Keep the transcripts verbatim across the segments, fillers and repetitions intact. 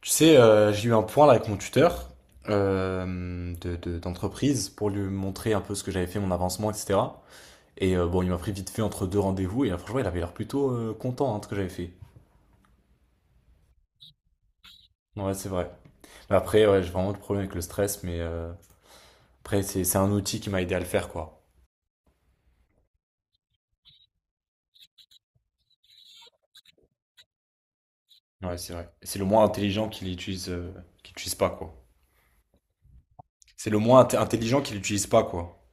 Tu sais, euh, j'ai eu un point là avec mon tuteur euh, de, de- d'entreprise pour lui montrer un peu ce que j'avais fait, mon avancement, et cetera. Et euh, bon, il m'a pris vite fait entre deux rendez-vous et là, franchement, il avait l'air plutôt euh, content, hein, de ce que j'avais fait. Ouais, c'est vrai. Mais après, ouais, j'ai vraiment le problème avec le stress, mais euh, après, c'est, c'est un outil qui m'a aidé à le faire, quoi. Ouais, c'est vrai. C'est le moins intelligent qui l'utilise, euh, qui l'utilise pas, quoi. C'est le moins int- intelligent qui l'utilise pas, quoi.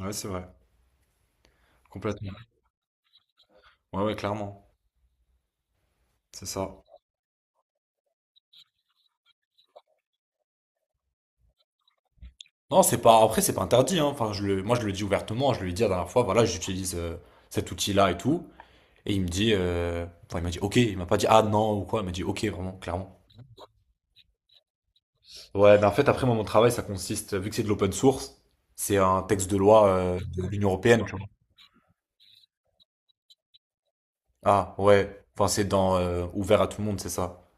Ouais, c'est vrai. Complètement. Ouais, ouais, clairement. C'est ça. Non, c'est pas. Après, c'est pas interdit, hein. Enfin, je le, moi, je le dis ouvertement. Je lui ai dit la dernière fois, voilà, j'utilise euh, cet outil-là et tout. Et il me dit, euh, enfin, il m'a dit ok. Il m'a pas dit ah non ou quoi. Il m'a dit ok, vraiment, clairement. Ouais, mais en fait, après, moi, mon travail, ça consiste, vu que c'est de l'open source, c'est un texte de loi euh, de l'Union européenne, tu vois. Ah ouais. Enfin, c'est dans euh, ouvert à tout le monde, c'est ça.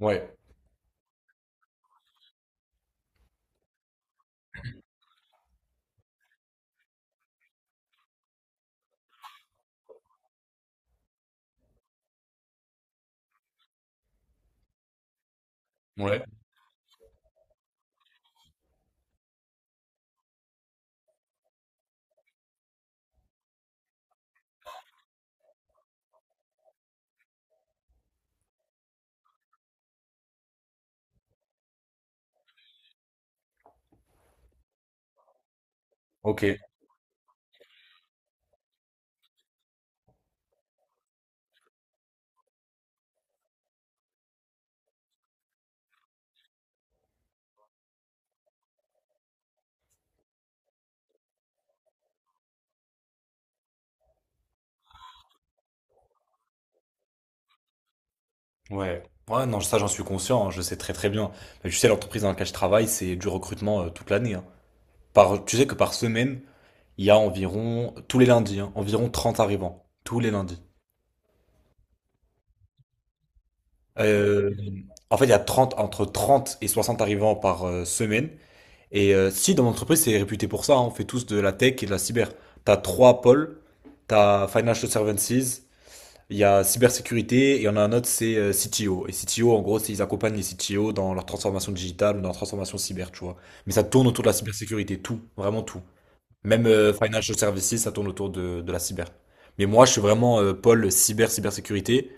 Ouais. Ouais. Ok. Ouais. Ouais, non, ça, j'en suis conscient, hein, je sais très très bien. Mais tu sais, l'entreprise dans laquelle je travaille, c'est du recrutement euh, toute l'année, hein. Par, tu sais que par semaine, il y a environ, tous les lundis, hein, environ trente arrivants. Tous les lundis. Euh, en fait, il y a trente entre trente et soixante arrivants par euh, semaine. Et euh, si dans l'entreprise, c'est réputé pour ça, hein, on fait tous de la tech et de la cyber. T'as trois pôles, t'as Financial Services, il y a cybersécurité, et il y en a un autre, c'est euh, C T O. Et C T O, en gros, c'est ils accompagnent les C T O dans leur transformation digitale ou dans leur transformation cyber, tu vois. Mais ça tourne autour de la cybersécurité, tout, vraiment tout. Même euh, Financial Services, ça tourne autour de, de la cyber. Mais moi, je suis vraiment euh, pôle cyber, cybersécurité,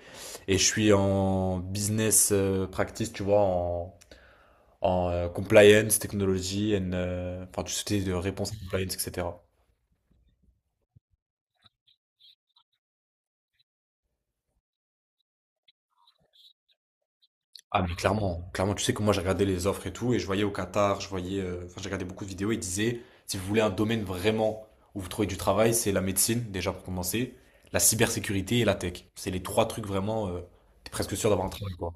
et je suis en business euh, practice, tu vois, en, en, euh, compliance, technology, and, euh, enfin, tout ce qui est de réponse à compliance, et cetera. Ah, mais clairement, clairement, tu sais que moi, j'ai regardé les offres et tout, et je voyais au Qatar, je voyais, euh, enfin, j'ai regardé beaucoup de vidéos, ils disaient, si vous voulez un domaine vraiment où vous trouvez du travail, c'est la médecine, déjà pour commencer, la cybersécurité et la tech. C'est les trois trucs vraiment, euh, t'es presque sûr d'avoir un travail, quoi.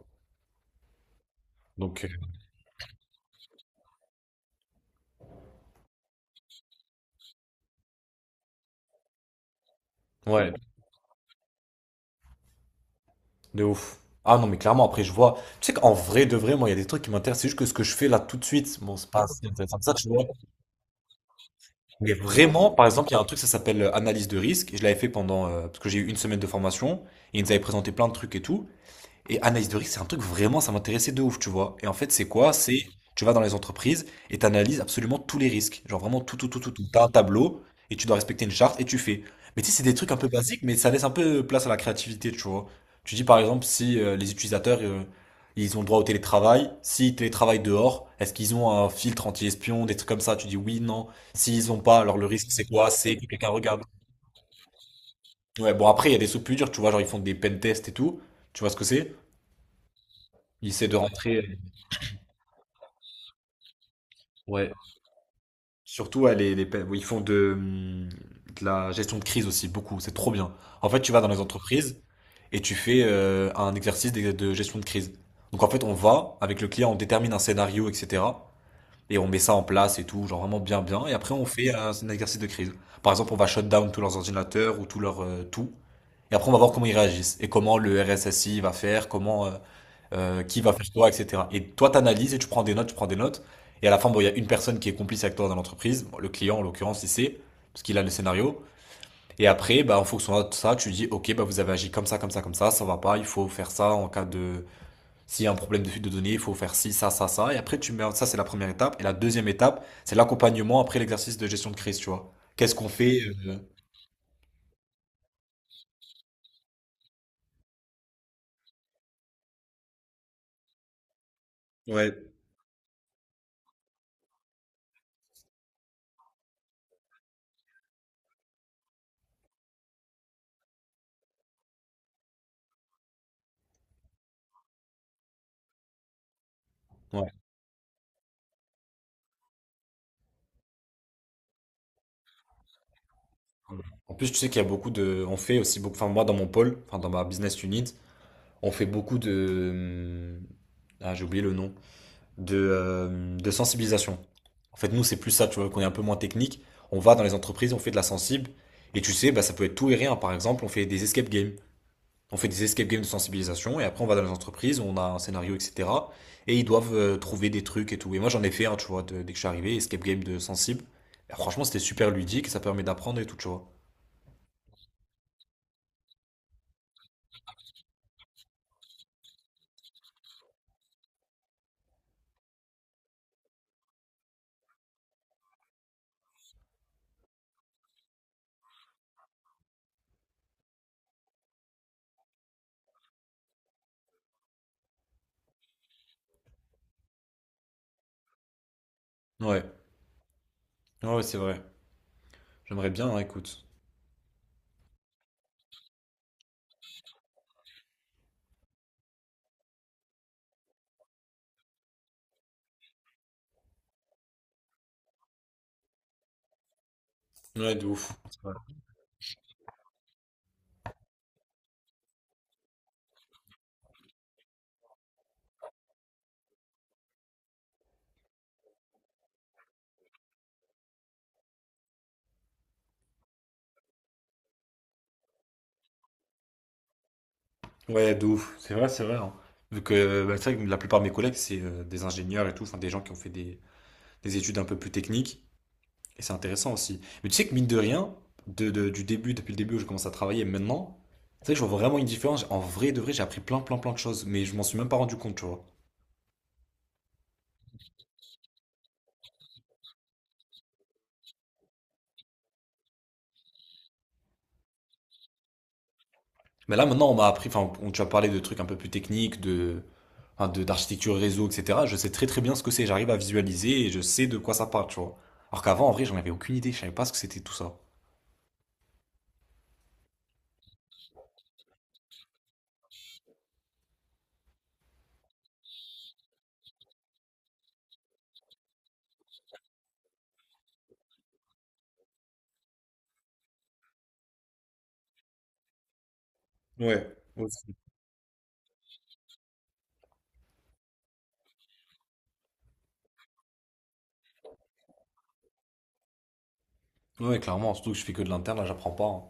Donc, euh, ouais. De ouf. Ah non, mais clairement, après, je vois. Tu sais qu'en vrai, de vrai, moi, il y a des trucs qui m'intéressent. C'est juste que ce que je fais là tout de suite, bon, c'est pas assez intéressant que ça, tu vois. Mais vraiment, par exemple, il y a un truc, ça s'appelle euh, analyse de risque. Et je l'avais fait pendant. Euh, parce que j'ai eu une semaine de formation. Et ils nous avaient présenté plein de trucs et tout. Et analyse de risque, c'est un truc vraiment, ça m'intéressait de ouf, tu vois. Et en fait, c'est quoi? C'est, tu vas dans les entreprises et tu analyses absolument tous les risques. Genre vraiment tout, tout, tout, tout, tout. T'as un tableau et tu dois respecter une charte et tu fais. Mais tu sais, c'est des trucs un peu basiques, mais ça laisse un peu place à la créativité, tu vois. Tu dis par exemple si euh, les utilisateurs, euh, ils ont le droit au télétravail. S'ils télétravaillent dehors, est-ce qu'ils ont un filtre anti-espion, des trucs comme ça? Tu dis oui, non. S'ils ont pas, alors le risque, c'est quoi? C'est que quelqu'un regarde. Ouais, bon, après, il y a des sous plus durs, tu vois, genre ils font des pen tests et tout. Tu vois ce que c'est? Ils essaient de rentrer. Ouais. Surtout, ouais, les, les pa- ils font de, hum, de la gestion de crise aussi, beaucoup. C'est trop bien. En fait, tu vas dans les entreprises et tu fais euh, un exercice de, de gestion de crise. Donc, en fait, on va avec le client, on détermine un scénario, et cetera. Et on met ça en place et tout, genre vraiment bien, bien. Et après, on fait un, un exercice de crise. Par exemple, on va shut down tous leurs ordinateurs ou tout leur euh, tout. Et après, on va voir comment ils réagissent et comment, le R S S I va faire, comment, euh, euh, qui va faire quoi, et cetera. Et toi, t'analyses et tu prends des notes, tu prends des notes. Et à la fin, bon, il y a une personne qui est complice avec toi dans l'entreprise, bon, le client en l'occurrence, il sait, parce qu'il a le scénario. Et après, bah, en fonction de ça, tu dis ok, bah, vous avez agi comme ça, comme ça, comme ça, ça va pas, il faut faire ça en cas de, s'il y a un problème de fuite de données, il faut faire ci, ça, ça, ça. Et après, tu mets, ça, c'est la première étape. Et la deuxième étape, c'est l'accompagnement après l'exercice de gestion de crise, tu vois. Qu'est-ce qu'on fait? euh, Ouais. Ouais. En plus, tu sais qu'il y a beaucoup de. On fait aussi beaucoup. Enfin, moi, dans mon pôle, enfin, dans ma business unit, on fait beaucoup de. hum, Ah, j'ai oublié le nom. De, euh, de sensibilisation. En fait, nous, c'est plus ça, tu vois, qu'on est un peu moins technique. On va dans les entreprises, on fait de la sensible. Et tu sais, bah, ça peut être tout et rien. Par exemple, on fait des escape games. On fait des escape games de sensibilisation. Et après, on va dans les entreprises, on a un scénario, et cetera. Et ils doivent euh, trouver des trucs et tout. Et moi, j'en ai fait un, tu vois, de- dès que je suis arrivé, escape game de sensible. Et franchement, c'était super ludique. Ça permet d'apprendre et tout, tu vois. Ouais. Ah, ouais, c'est vrai. J'aimerais bien, hein, écoute. Ouais, de ouf. C'est vrai. Ouais, de ouf. C'est vrai, c'est vrai, hein. Vu que, euh, bah, c'est vrai que la plupart de mes collègues, c'est euh, des ingénieurs et tout, enfin des gens qui ont fait des, des études un peu plus techniques. Et c'est intéressant aussi. Mais tu sais que mine de rien, de, de- du début, depuis le début où je commence à travailler et maintenant, c'est vrai que je vois vraiment une différence. En vrai de vrai, j'ai appris plein, plein, plein de choses. Mais je m'en suis même pas rendu compte, tu vois. Mais là, maintenant, on m'a appris, enfin, on- tu as parlé de trucs un peu plus techniques, de, enfin, de, d'architecture réseau, et cetera. Je sais très très bien ce que c'est. J'arrive à visualiser et je sais de quoi ça parle, tu vois. Alors qu'avant, en vrai, j'en avais aucune idée. Je savais pas ce que c'était tout ça. Ouais. Ouais. Ouais, clairement, surtout que je fais que de l'interne, là, j'apprends pas, hein.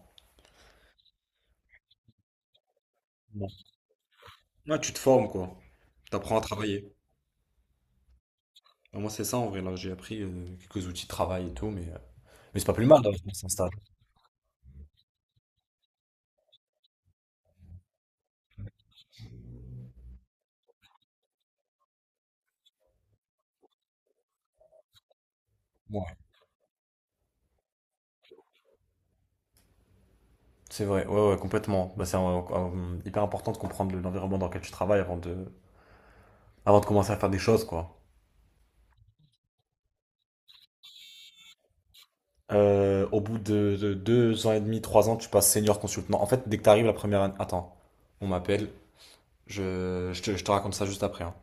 Ouais, tu te formes, quoi. T'apprends à travailler. Ouais, moi, c'est ça, en vrai, là, j'ai appris euh, quelques outils de travail et tout, mais, euh, mais c'est pas plus mal d'avoir commencé un stage. Ouais. C'est vrai, ouais, ouais, complètement. Bah, c'est euh, euh, hyper important de comprendre l'environnement dans lequel tu travailles avant de, avant de commencer à faire des choses, quoi. Euh, au bout de, de deux ans et demi, trois ans, tu passes senior consultant. En fait, dès que tu arrives la première année. Attends, on m'appelle. Je, je te, je te raconte ça juste après, hein.